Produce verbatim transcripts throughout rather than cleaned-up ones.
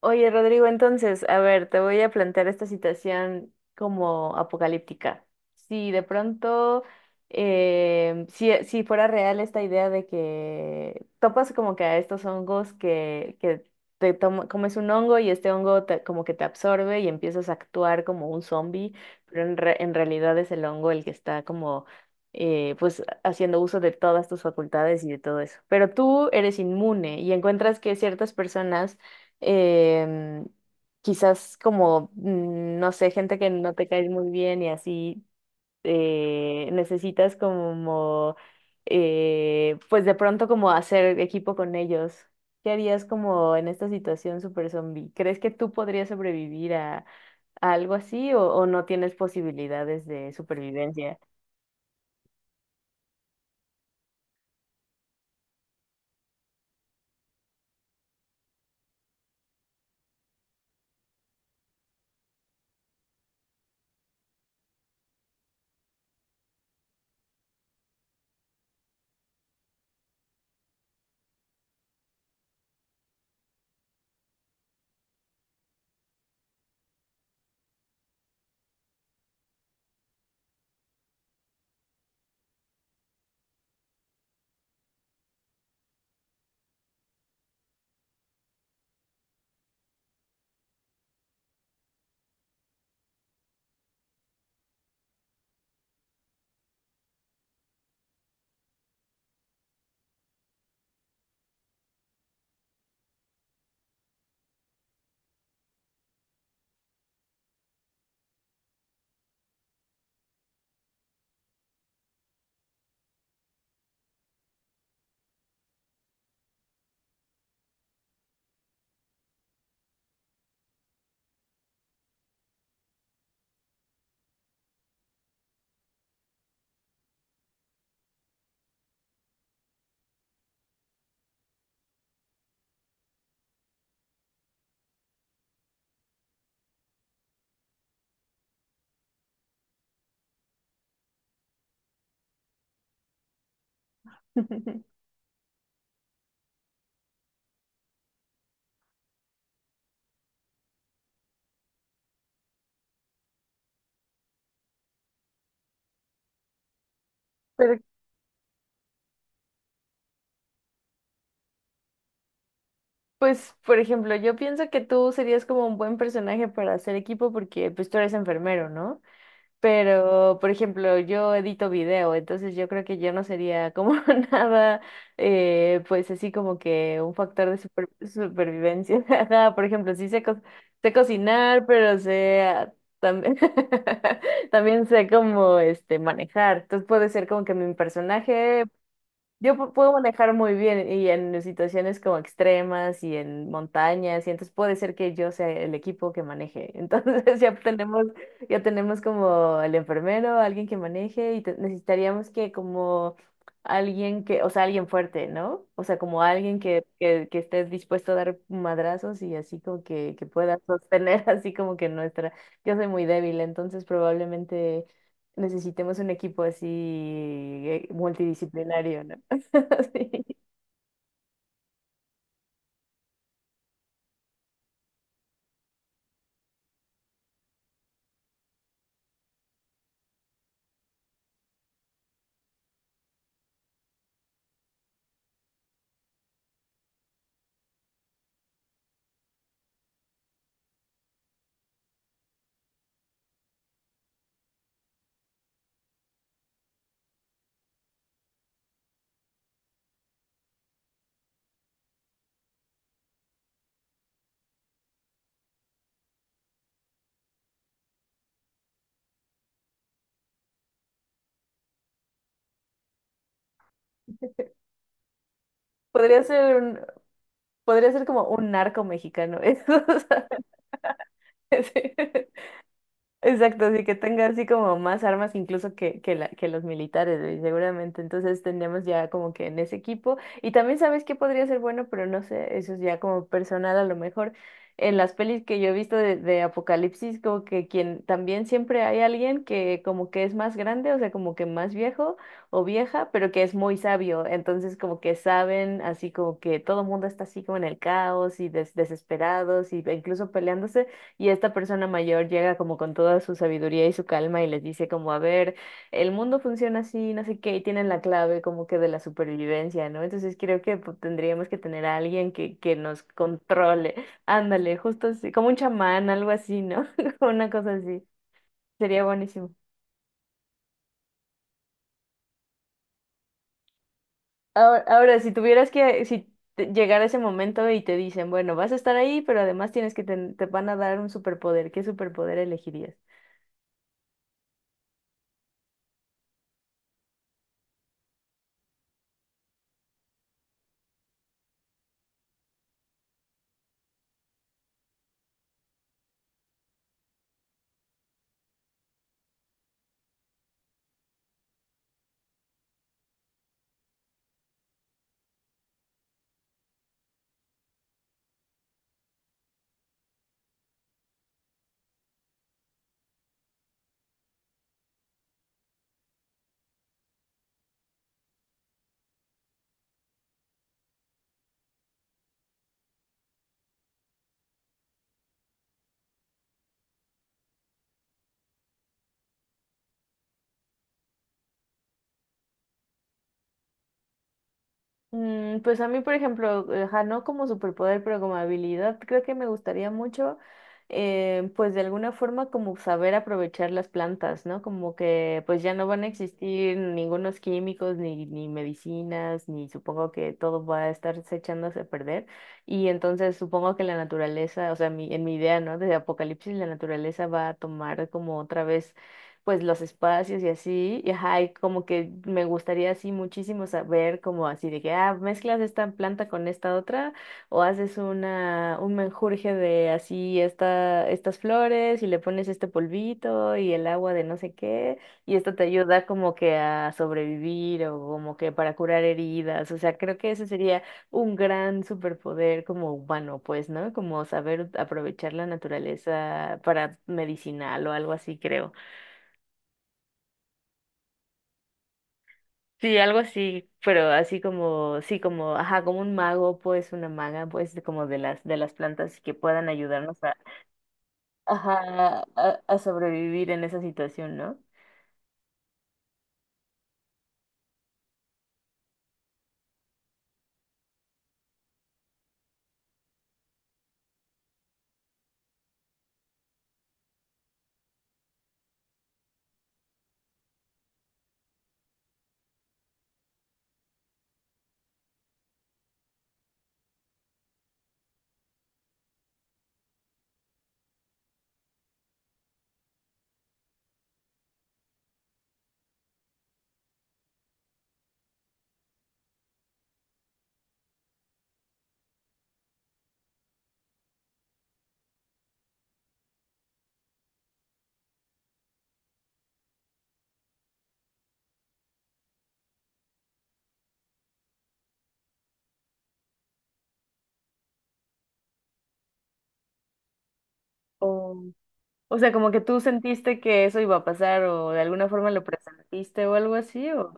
Oye, Rodrigo, entonces, a ver, te voy a plantear esta situación como apocalíptica. Si de pronto, em, si, si fuera real esta idea de que topas como que a estos hongos que, que te toma- comes un hongo y este hongo te- como que te absorbe y empiezas a actuar como un zombie, pero en, re- en realidad es el hongo el que está como, eh, pues, haciendo uso de todas tus facultades y de todo eso. Pero tú eres inmune y encuentras que ciertas personas em, quizás como, mm, no sé, gente que no te cae muy bien y así, eh, necesitas como, eh, pues de pronto como hacer equipo con ellos. ¿Qué harías como en esta situación super zombie? ¿Crees que tú podrías sobrevivir a, a algo así o, o no tienes posibilidades de supervivencia? Pero, pues, por ejemplo, yo pienso que tú serías como un buen personaje para hacer equipo porque pues tú eres enfermero, ¿no? Pero, por ejemplo, yo edito video, entonces yo creo que yo no sería como nada, eh, pues así como que un factor de super- supervivencia. Ajá. Por ejemplo, sí sé, co- sé cocinar, pero sé ah, también, también sé como este, manejar. Entonces puede ser como que mi personaje yo pu- puedo manejar muy bien y en situaciones como extremas y en montañas, y entonces puede ser que yo sea el equipo que maneje. Entonces ya tenemos, ya tenemos como el enfermero, alguien que maneje, y te- necesitaríamos que como alguien que, o sea, alguien fuerte, ¿no? O sea, como alguien que, que, que esté dispuesto a dar madrazos y así como que, que pueda sostener así como que nuestra. Yo soy muy débil, entonces probablemente necesitemos un equipo así eh, multidisciplinario, ¿no? Sí. Podría ser un, podría ser como un narco mexicano, eso, o sea, sí. Exacto, así que tenga así como más armas incluso que, que, la- que los militares, güey, seguramente. Entonces tendríamos ya como que en ese equipo. Y también sabes que podría ser bueno, pero no sé, eso es ya como personal a lo mejor. En las pelis que yo he visto de, de Apocalipsis, como que quien también siempre hay alguien que como que es más grande, o sea, como que más viejo o vieja, pero que es muy sabio. Entonces como que saben, así como que todo el mundo está así como en el caos y des- desesperados y e incluso peleándose. Y esta persona mayor llega como con toda su sabiduría y su calma y les dice como, a ver, el mundo funciona así, no sé qué, y tienen la clave como que de la supervivencia, ¿no? Entonces creo que pues, tendríamos que tener a alguien que, que nos controle. Ándale, justo así, como un chamán, algo así, ¿no? Una cosa así. Sería buenísimo. Ahora, ahora, si tuvieras que, si te- llegara ese momento y te dicen, bueno, vas a estar ahí, pero además tienes que, ten- te van a dar un superpoder, ¿qué superpoder elegirías? Mm, pues a mí, por ejemplo, eh, ajá, no como superpoder, pero como habilidad, creo que me gustaría mucho, eh, pues de alguna forma como saber aprovechar las plantas, ¿no? Como que pues ya no van a existir ningunos químicos, ni, ni medicinas, ni supongo que todo va a estarse echándose a perder. Y entonces supongo que la naturaleza, o sea, mi, en mi idea, ¿no? De apocalipsis, la naturaleza va a tomar como otra vez pues los espacios y así, y ajá, y como que me gustaría así muchísimo saber como así de que, ah, mezclas esta planta con esta otra o haces una, un menjurje de así esta, estas flores y le pones este polvito y el agua de no sé qué, y esto te ayuda como que a sobrevivir o como que para curar heridas, o sea, creo que ese sería un gran superpoder como humano, pues, ¿no? Como saber aprovechar la naturaleza para medicinal o algo así, creo. Sí, algo así, pero así como, sí, como, ajá, como un mago, pues, una maga, pues, de como de las, de las plantas que puedan ayudarnos a, ajá, a, a sobrevivir en esa situación, ¿no? O, o sea, como que tú sentiste que eso iba a pasar o de alguna forma lo presentiste o algo así, o,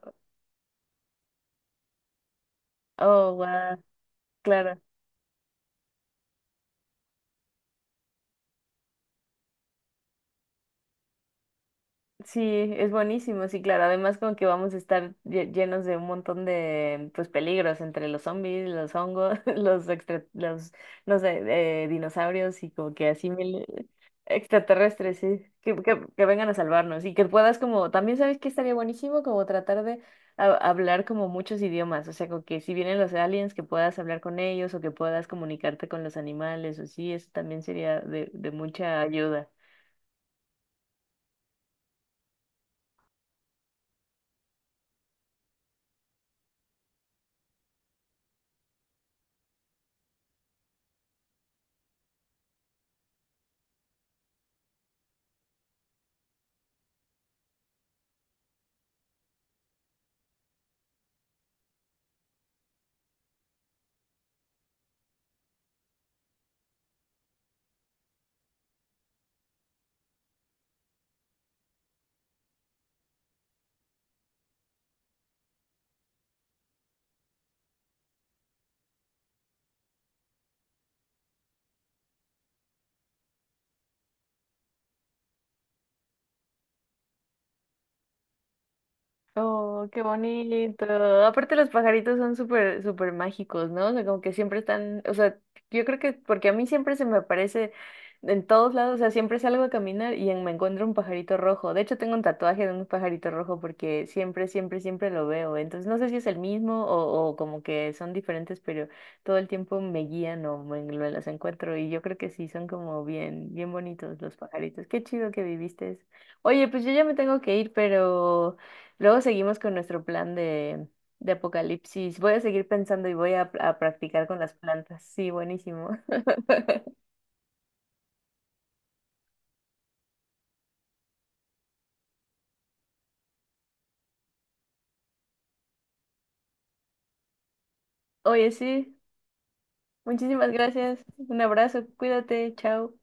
oh, wow, claro. Sí, es buenísimo, sí, claro. Además, como que vamos a estar lle- llenos de un montón de pues peligros entre los zombies, los hongos, los extra, los no sé, eh, dinosaurios y como que así mil extraterrestres, sí, que, que, que vengan a salvarnos y que puedas como también sabes que estaría buenísimo como tratar de ha- hablar como muchos idiomas, o sea, como que si vienen los aliens que puedas hablar con ellos o que puedas comunicarte con los animales, o sí, eso también sería de, de mucha ayuda. Oh, qué bonito. Aparte los pajaritos son súper, súper mágicos, ¿no? O sea, como que siempre están, o sea, yo creo que porque a mí siempre se me aparece en todos lados, o sea, siempre salgo a caminar y en- me encuentro un pajarito rojo. De hecho, tengo un tatuaje de un pajarito rojo porque siempre, siempre, siempre lo veo. Entonces, no sé si es el mismo o, o como que son diferentes, pero todo el tiempo me guían o me, me los encuentro y yo creo que sí, son como bien, bien bonitos los pajaritos. Qué chido que viviste eso. Oye, pues yo ya me tengo que ir, pero... Luego seguimos con nuestro plan de, de apocalipsis. Voy a seguir pensando y voy a, a practicar con las plantas. Sí, buenísimo. Oye, sí, muchísimas gracias. Un abrazo, cuídate, chao.